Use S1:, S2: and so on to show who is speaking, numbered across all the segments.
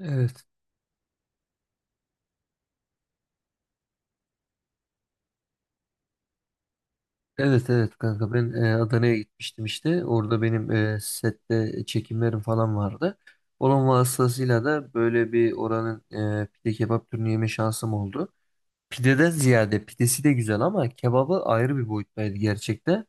S1: Evet. Evet kanka ben Adana'ya gitmiştim işte. Orada benim sette çekimlerim falan vardı. Onun vasıtasıyla da böyle bir oranın pide kebap türünü yeme şansım oldu. Pideden ziyade pidesi de güzel ama kebabı ayrı bir boyuttaydı gerçekten.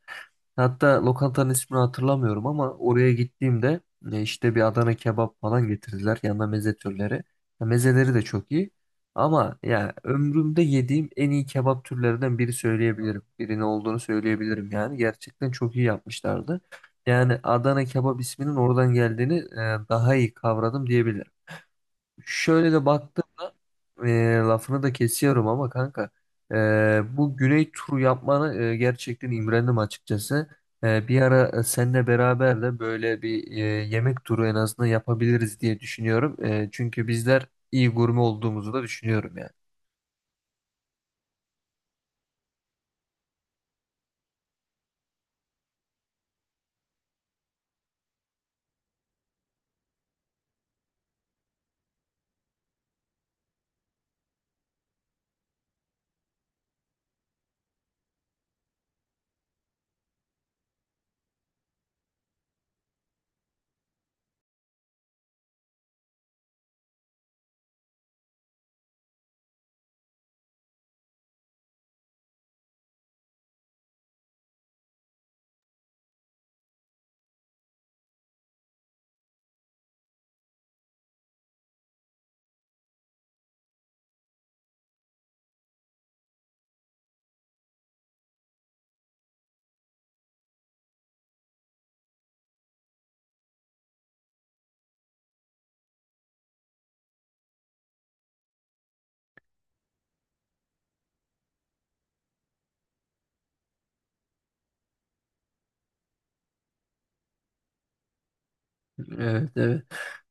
S1: Hatta lokantanın ismini hatırlamıyorum ama oraya gittiğimde işte bir Adana kebap falan getirdiler. Yanına meze türleri. Ya mezeleri de çok iyi. Ama ya ömrümde yediğim en iyi kebap türlerinden Birinin olduğunu söyleyebilirim yani. Gerçekten çok iyi yapmışlardı. Yani Adana kebap isminin oradan geldiğini daha iyi kavradım diyebilirim. Şöyle de baktığımda e, lafını da kesiyorum ama kanka, e, bu Güney turu yapmanı gerçekten imrendim açıkçası. Bir ara seninle beraber de böyle bir yemek turu en azından yapabiliriz diye düşünüyorum. Çünkü bizler iyi gurme olduğumuzu da düşünüyorum yani. Evet, evet.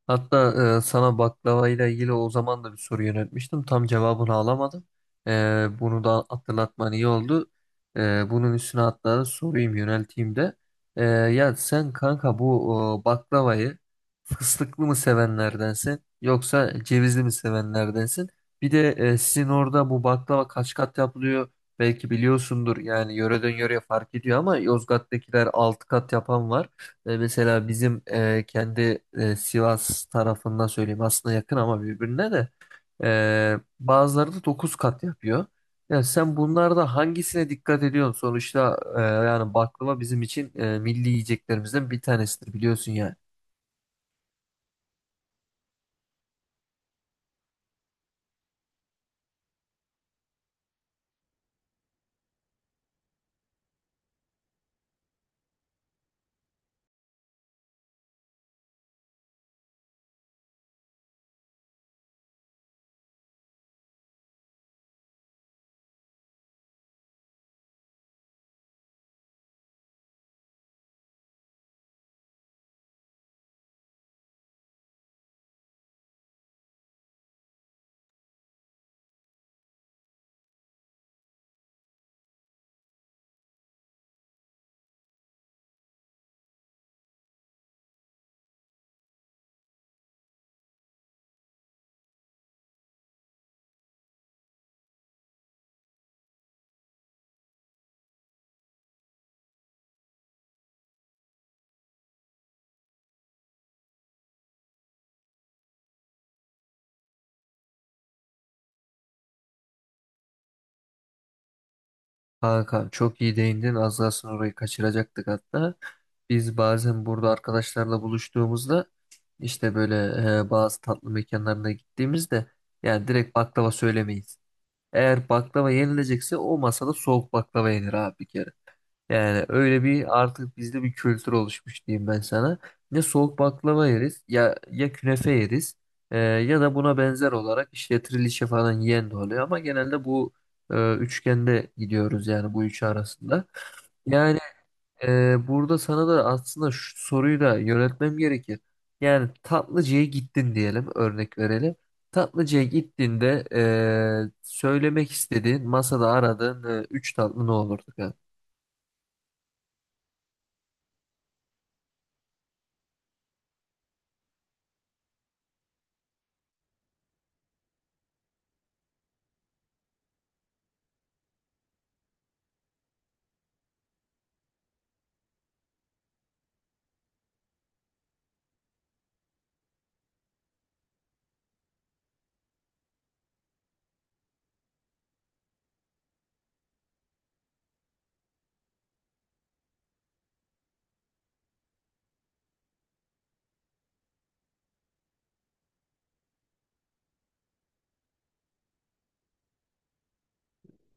S1: Hatta sana baklavayla ilgili o zaman da bir soru yöneltmiştim. Tam cevabını alamadım. E, Bunu da hatırlatman iyi oldu. Bunun üstüne hatta da sorayım yönelteyim de. Ya sen kanka bu baklavayı fıstıklı mı sevenlerdensin yoksa cevizli mi sevenlerdensin? Bir de sizin orada bu baklava kaç kat yapılıyor? Belki biliyorsundur yani yöreden yöreye fark ediyor ama Yozgat'takiler 6 kat yapan var. Mesela bizim kendi Sivas tarafından söyleyeyim, aslında yakın ama birbirine de bazıları da 9 kat yapıyor. Yani sen bunlarda hangisine dikkat ediyorsun? Sonuçta yani baklava bizim için milli yiyeceklerimizden bir tanesidir, biliyorsun yani. Kanka çok iyi değindin, az kalsın orayı kaçıracaktık hatta. Biz bazen burada arkadaşlarla buluştuğumuzda işte böyle bazı tatlı mekanlarına gittiğimizde yani direkt baklava söylemeyiz. Eğer baklava yenilecekse o masada soğuk baklava yenir abi bir kere. Yani öyle bir artık bizde bir kültür oluşmuş diyeyim ben sana. Ne soğuk baklava yeriz ya, ya künefe yeriz ya da buna benzer olarak işte trilişe falan yiyen de oluyor ama genelde bu üçgende gidiyoruz yani, bu üçü arasında. Yani burada sana da aslında şu soruyu da yöneltmem gerekir. Yani tatlıcıya gittin diyelim, örnek verelim. Tatlıcıya gittiğinde, söylemek istediğin, masada aradığın üç tatlı ne olurdu?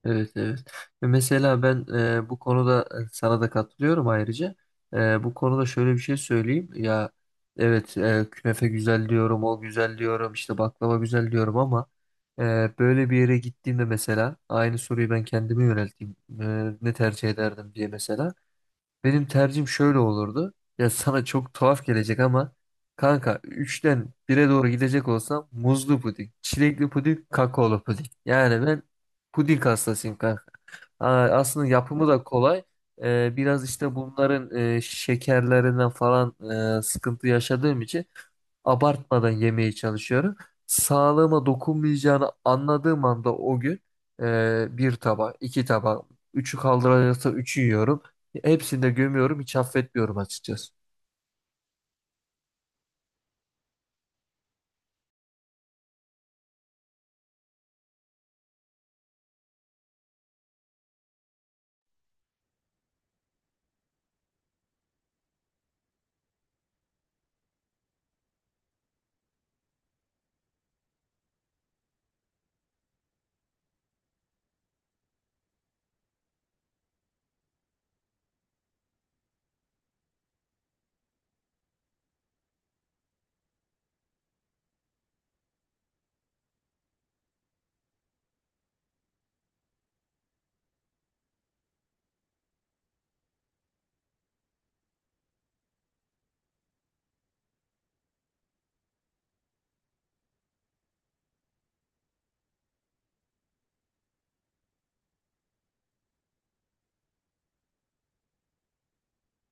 S1: Evet, evet. Ve mesela ben bu konuda sana da katılıyorum ayrıca. Bu konuda şöyle bir şey söyleyeyim. Ya evet, künefe güzel diyorum, o güzel diyorum, işte baklava güzel diyorum ama böyle bir yere gittiğimde mesela aynı soruyu ben kendime yönelteyim. Ne tercih ederdim diye mesela. Benim tercihim şöyle olurdu. Ya sana çok tuhaf gelecek ama kanka, üçten bire doğru gidecek olsam muzlu puding, çilekli puding, kakaolu puding. Yani ben puding hastasıyım kanka. Aa, aslında yapımı da kolay. Biraz işte bunların şekerlerinden falan sıkıntı yaşadığım için abartmadan yemeye çalışıyorum. Sağlığıma dokunmayacağını anladığım anda o gün bir tabak, iki tabak, üçü kaldırılırsa üçü yiyorum. Hepsini de gömüyorum, hiç affetmiyorum açıkçası.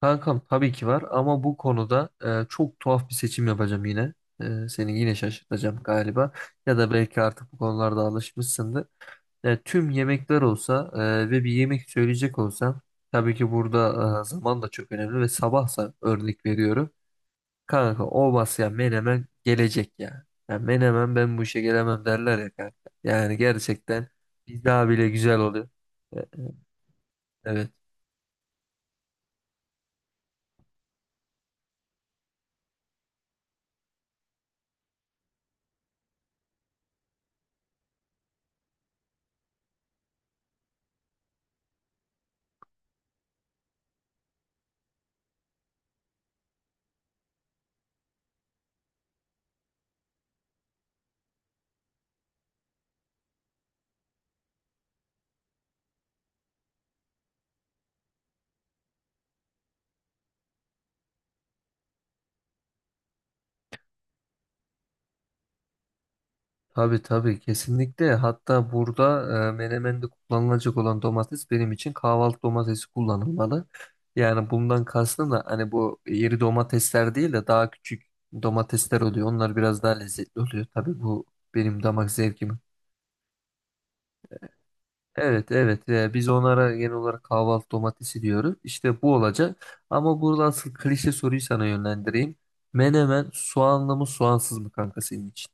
S1: Kankam tabii ki var ama bu konuda çok tuhaf bir seçim yapacağım yine. Seni yine şaşırtacağım galiba. Ya da belki artık bu konularda alışmışsındır. Tüm yemekler olsa ve bir yemek söyleyecek olsam tabii ki burada zaman da çok önemli, ve sabahsa örnek veriyorum. Kanka o ya Menemen gelecek ya. Ya Menemen ben bu işe gelemem derler ya kanka. Yani gerçekten biz daha bile güzel oluyor. E, Evet. Tabii tabii, kesinlikle. Hatta burada menemende kullanılacak olan domates benim için kahvaltı domatesi kullanılmalı. Yani bundan kastım da hani bu iri domatesler değil de daha küçük domatesler oluyor. Onlar biraz daha lezzetli oluyor. Tabii bu benim damak zevkime. Evet, evet. Biz onlara genel olarak kahvaltı domatesi diyoruz. İşte bu olacak. Ama burada asıl klişe soruyu sana yönlendireyim. Menemen soğanlı mı soğansız mı kanka senin için?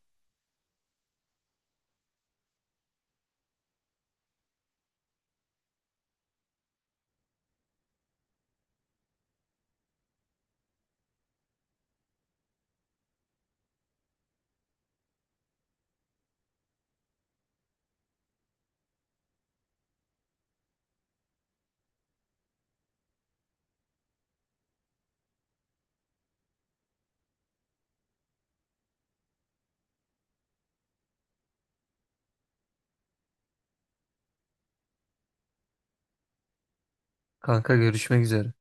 S1: Kanka görüşmek üzere.